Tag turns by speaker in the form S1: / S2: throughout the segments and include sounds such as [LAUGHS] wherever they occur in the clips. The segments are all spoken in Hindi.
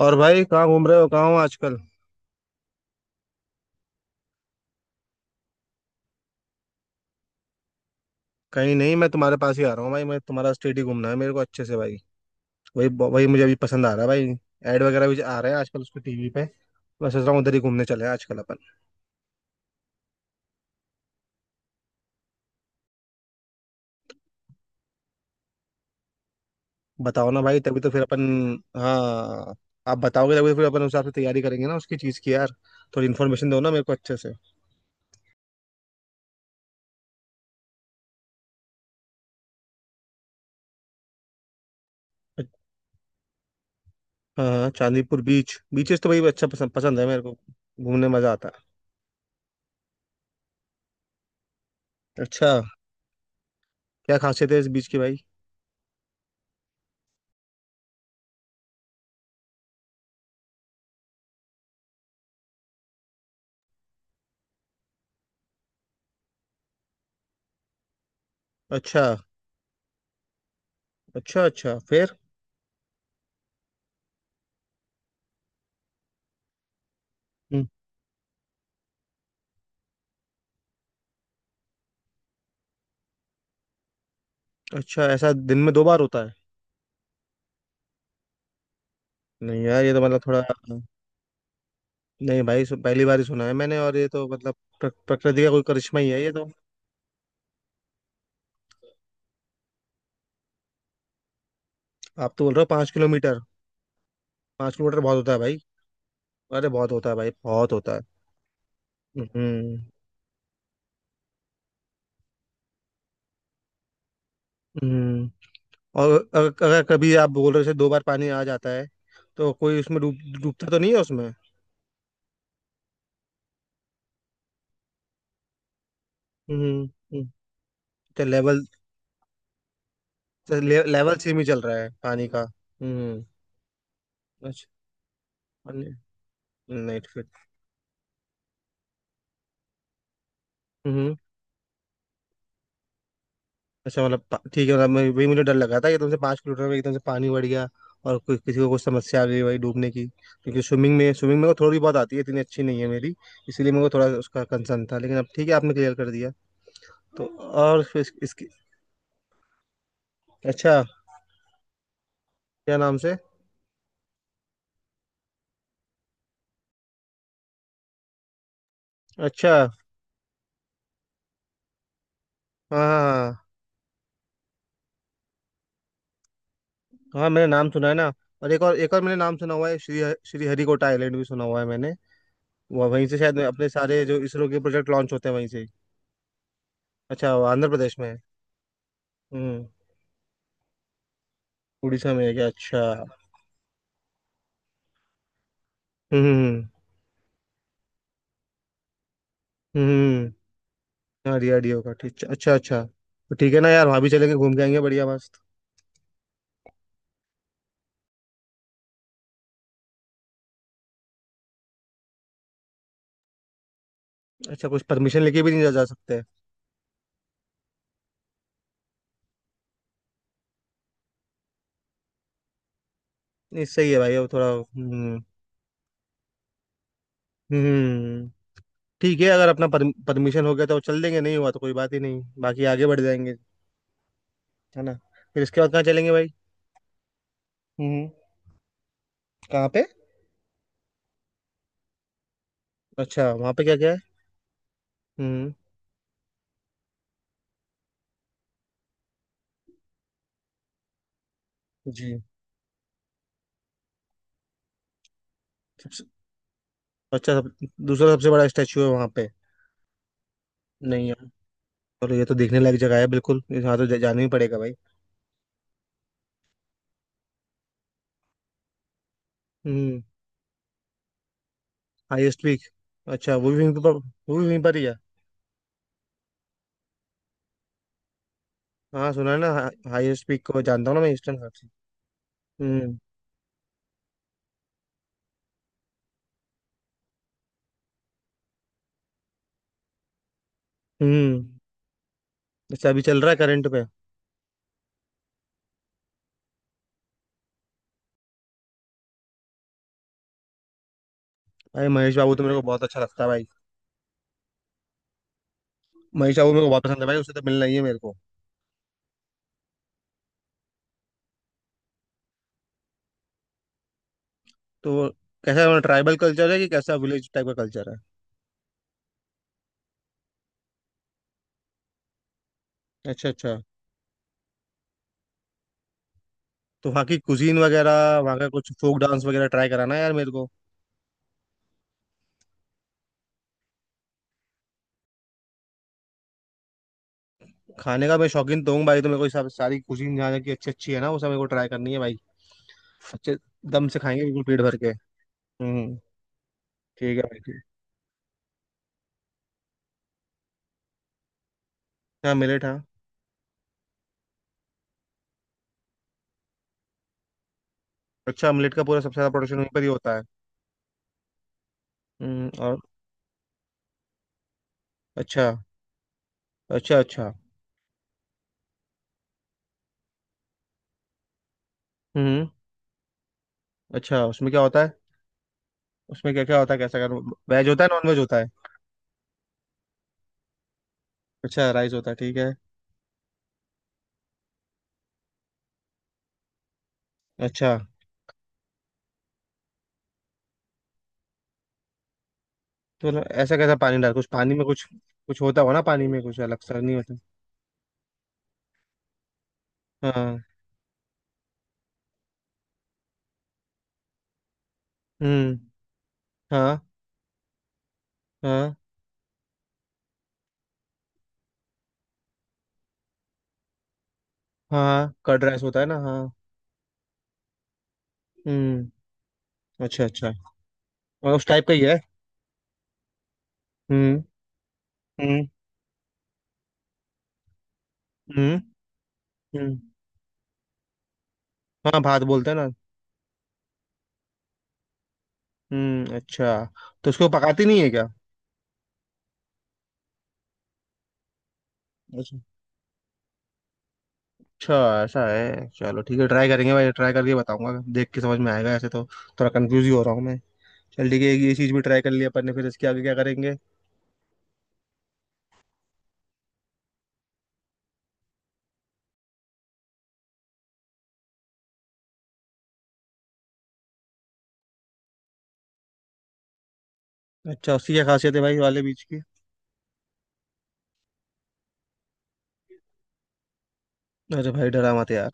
S1: और भाई कहाँ घूम रहे हो, कहाँ हो आजकल। कहीं नहीं, मैं तुम्हारे पास ही आ रहा हूँ भाई। मैं तुम्हारा स्टेट ही घूमना है मेरे को अच्छे से भाई। वही। वही मुझे अभी पसंद आ रहा है भाई। एड वगैरह भी आ रहे हैं आजकल उसको टीवी पे। मैं सोच रहा हूँ उधर ही घूमने चले हैं आजकल अपन। बताओ ना भाई, तभी तो फिर अपन। हाँ। आप बताओगे तभी तो फिर अपन उस हिसाब से तैयारी करेंगे ना उसकी चीज़ की यार। थोड़ी इन्फॉर्मेशन दो ना मेरे को अच्छे से। हाँ हाँ, चांदीपुर बीच, बीचेस तो भाई अच्छा पसंद पसंद है मेरे को। घूमने मजा आता है। अच्छा। क्या खासियत है इस बीच की भाई? अच्छा अच्छा अच्छा, फिर? हम्म। अच्छा, ऐसा दिन में 2 बार होता है? नहीं यार, ये तो मतलब थोड़ा। नहीं भाई, पहली बार ही सुना है मैंने। और ये तो मतलब प्रकृति का कोई करिश्मा ही है ये तो। आप तो बोल रहे हो 5 किलोमीटर। 5 किलोमीटर बहुत होता है भाई। अरे बहुत होता है भाई, बहुत होता है। हम्म। हम्म। और अगर कभी आप बोल रहे हो जैसे 2 बार पानी आ जाता है, तो कोई उसमें डूब, डूबता तो नहीं है उसमें? हम्म। हम्म। तो लेवल, तो लेवल सेम ही चल रहा है पानी का। हम्म। अच्छा। नहीं, नहीं, फिर अच्छा, मतलब ठीक है, मतलब मैं वही मुझे डर लगा था कि तुमसे 5 किलोमीटर में एकदम से पानी बढ़ गया और कोई किसी को कुछ समस्या आ गई भाई डूबने की, क्योंकि स्विमिंग में, स्विमिंग में को थोड़ी बहुत आती है, इतनी अच्छी नहीं है मेरी। इसीलिए मेरे को थोड़ा उसका कंसर्न था, लेकिन अब ठीक है, आपने क्लियर कर दिया। तो और फिर इसकी। अच्छा, क्या नाम से? अच्छा। हाँ हाँ हाँ। हाँ, हाँ, मैंने नाम सुना है ना। और एक और मैंने नाम सुना हुआ है, श्री श्री हरिकोटा आइलैंड भी सुना हुआ है मैंने। वहीं से शायद अपने सारे जो इसरो के प्रोजेक्ट लॉन्च होते हैं वहीं से ही। अच्छा, वो आंध्र प्रदेश में है। हम्म। उड़ीसा में है क्या? अच्छा। हम्म। हम्म, हम्म। हम्म। हाँ, डीआरडीओ का, ठीक। अच्छा अच्छा, तो ठीक है ना यार, वहाँ भी चलेंगे, घूम के आएंगे, बढ़िया मस्त। अच्छा, कुछ परमिशन लेके भी नहीं जा सकते? नहीं, सही है भाई, अब थोड़ा। हम्म। हम्म। ठीक है, अगर अपना परमिशन हो गया तो चल देंगे, नहीं हुआ तो कोई बात ही नहीं, बाकी आगे बढ़ जाएंगे। है ना? फिर इसके बाद कहाँ चलेंगे भाई? हम्म। कहाँ पे? अच्छा, वहाँ पे क्या क्या है? हम्म। जी। सबसे। अच्छा, दूसरा सबसे बड़ा स्टैचू है वहाँ पे? नहीं यार, और ये तो देखने लायक जगह है, बिल्कुल यहाँ तो जाना ही पड़ेगा भाई। हम्म। Highest peak. अच्छा, वो भी वहीं पर, वो भी वहीं पर ही है। हाँ सुना है ना। हा, हाईएस्ट पीक को जानता हूँ ना मैं ईस्टर्न घाट से। हम्म। हम्म। अच्छा, अभी चल रहा है करंट पे? भाई, महेश बाबू तो मेरे को बहुत अच्छा लगता है भाई। महेश बाबू मेरे को बहुत पसंद है भाई, उससे तो मिलना ही है मेरे को। तो कैसा ट्राइबल कल्चर है, कि कैसा विलेज टाइप का कल्चर है? अच्छा अच्छा। तो वहाँ की कुजीन वगैरह, वहाँ का कुछ फोक डांस वगैरह ट्राई कराना यार मेरे को। खाने का मैं शौकीन तो हूँ भाई, तो मेरे को ये सब सारी कुजीन जहाँ की अच्छी अच्छी है ना वो सब मेरे को ट्राई करनी है भाई। अच्छे दम से खाएंगे बिल्कुल पेट भर के। हम्म। ठीक है भाई, ठीक। हाँ, मिलेट, हाँ। अच्छा, मिलेट का पूरा सबसे ज्यादा प्रोडक्शन वहीं पर ही होता है? हम्म, और। अच्छा। अच्छा अच्छा। हम्म। अच्छा, उसमें क्या होता है? उसमें क्या क्या होता है, कैसा क्या? वेज होता है, नॉन वेज होता है? अच्छा, राइस होता है, ठीक है। अच्छा। तो ऐसा कैसा पानी डाल, कुछ पानी में कुछ? कुछ होता हो ना पानी में, कुछ अलग सा नहीं होता? हाँ। हम्म। हाँ। हाँ। हाँ, कर्ड राइस होता है ना? हाँ। हम्म। अच्छा अच्छा। और उस टाइप का ही है। हम्म। हम्म। हम्म। हम्म। हाँ भात बोलते हैं ना। हम्म, अच्छा। तो उसको पकाती नहीं है क्या? अच्छा। अच्छा, ऐसा है, चलो ठीक है, ट्राई करेंगे भाई, ट्राई करके बताऊंगा, देख के समझ में आएगा, ऐसे तो थोड़ा कंफ्यूज ही हो रहा हूँ मैं। चल ठीक है, ये चीज़ भी ट्राई कर लिया अपन ने, फिर इसके आगे क्या करेंगे? अच्छा, उसकी क्या खासियत है भाई वाले बीज की? अरे भाई डरा मत यार।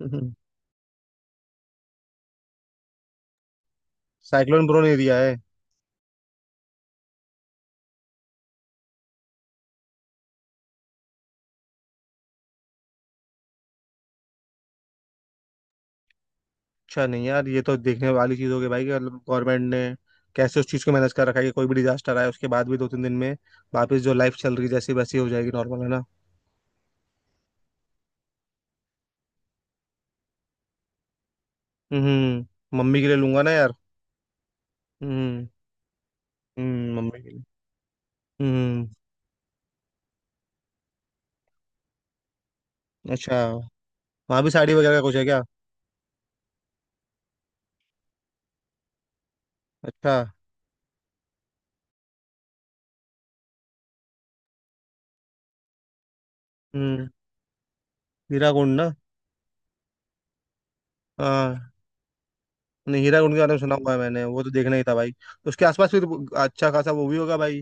S1: [LAUGHS] साइक्लोन प्रोन एरिया है। अच्छा, नहीं यार, ये तो देखने वाली चीज़ हो गई भाई कि मतलब गवर्नमेंट ने कैसे उस चीज़ को मैनेज कर रखा है कि कोई भी डिजास्टर आए उसके बाद भी 2-3 दिन में वापस जो लाइफ चल रही है, जैसी वैसी हो जाएगी, नॉर्मल, है ना। हम्म, मम्मी के लिए लूंगा ना यार। हम्म। हम्म, मम्मी के लिए। हम्म। अच्छा, वहाँ भी साड़ी वगैरह का कुछ है क्या? अच्छा। हम्म। हीराकुंड ना। हाँ। नहीं, हीराकुंड के बारे में सुना हुआ है मैंने, वो तो देखना ही था भाई, तो उसके आसपास फिर अच्छा खासा वो भी होगा भाई।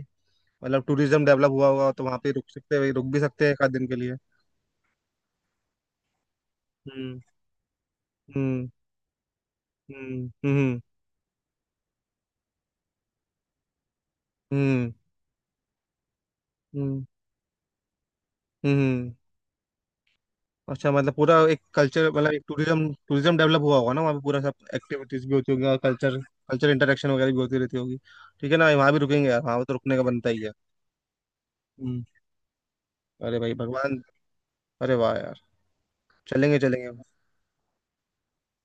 S1: मतलब टूरिज्म डेवलप हुआ होगा तो वहाँ पे रुक सकते हैं भाई, रुक भी सकते हैं एक आध दिन के लिए। हम्म। हम्म। हम्म। हम्म। हम्म। हम्म। अच्छा, मतलब पूरा एक कल्चर, मतलब एक टूरिज्म, टूरिज्म डेवलप हुआ होगा ना वहाँ पे, पूरा सब एक्टिविटीज भी होती होगी और कल्चर, कल्चर इंटरेक्शन वगैरह भी होती रहती होगी। ठीक है ना, वहाँ भी रुकेंगे यार, वहाँ पे तो रुकने का बनता ही है। हम्म। अरे भाई भगवान। अरे वाह यार। चलेंगे, चलेंगे।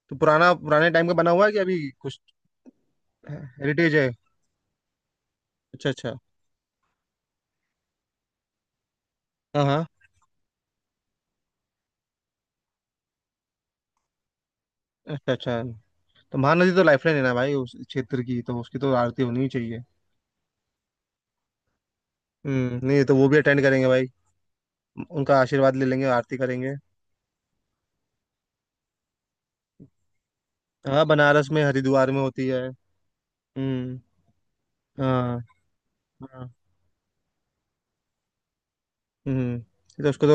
S1: तो पुराना, पुराने टाइम का बना हुआ है कि अभी कुछ? हेरिटेज है। अच्छा अच्छा। हाँ हाँ। अच्छा अच्छा, तो महानदी तो लाइफलाइन है ना भाई उस क्षेत्र की, तो उसकी तो आरती होनी ही चाहिए। हम्म, नहीं तो वो भी अटेंड करेंगे भाई, उनका आशीर्वाद ले लेंगे, आरती करेंगे। हाँ, बनारस में, हरिद्वार में होती है। हम्म। हाँ। हाँ। हम्म। तो उसको तो।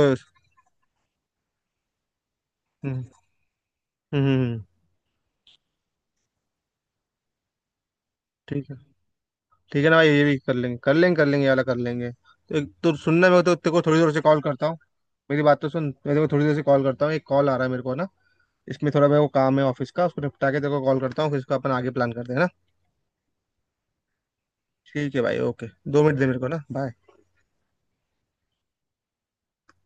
S1: हम्म, हम्म, हम्म। ठीक है। ठीक है ना भाई, ये भी कर लेंगे, कर लेंगे कर लेंगे, ये वाला कर लेंगे, तो एक तो सुनने में, तो तेरे को थोड़ी देर से कॉल करता हूँ। मेरी बात तो सुन, मैं तेरे को थोड़ी देर से कॉल करता हूँ, एक कॉल आ रहा है मेरे को ना। इसमें थोड़ा मेरे को काम है ऑफिस का, उसको निपटा के तेरे को कॉल करता हूँ, फिर इसको अपन आगे प्लान करते हैं ना। ठीक है भाई, ओके। 2 मिनट दे मेरे को ना, बाय।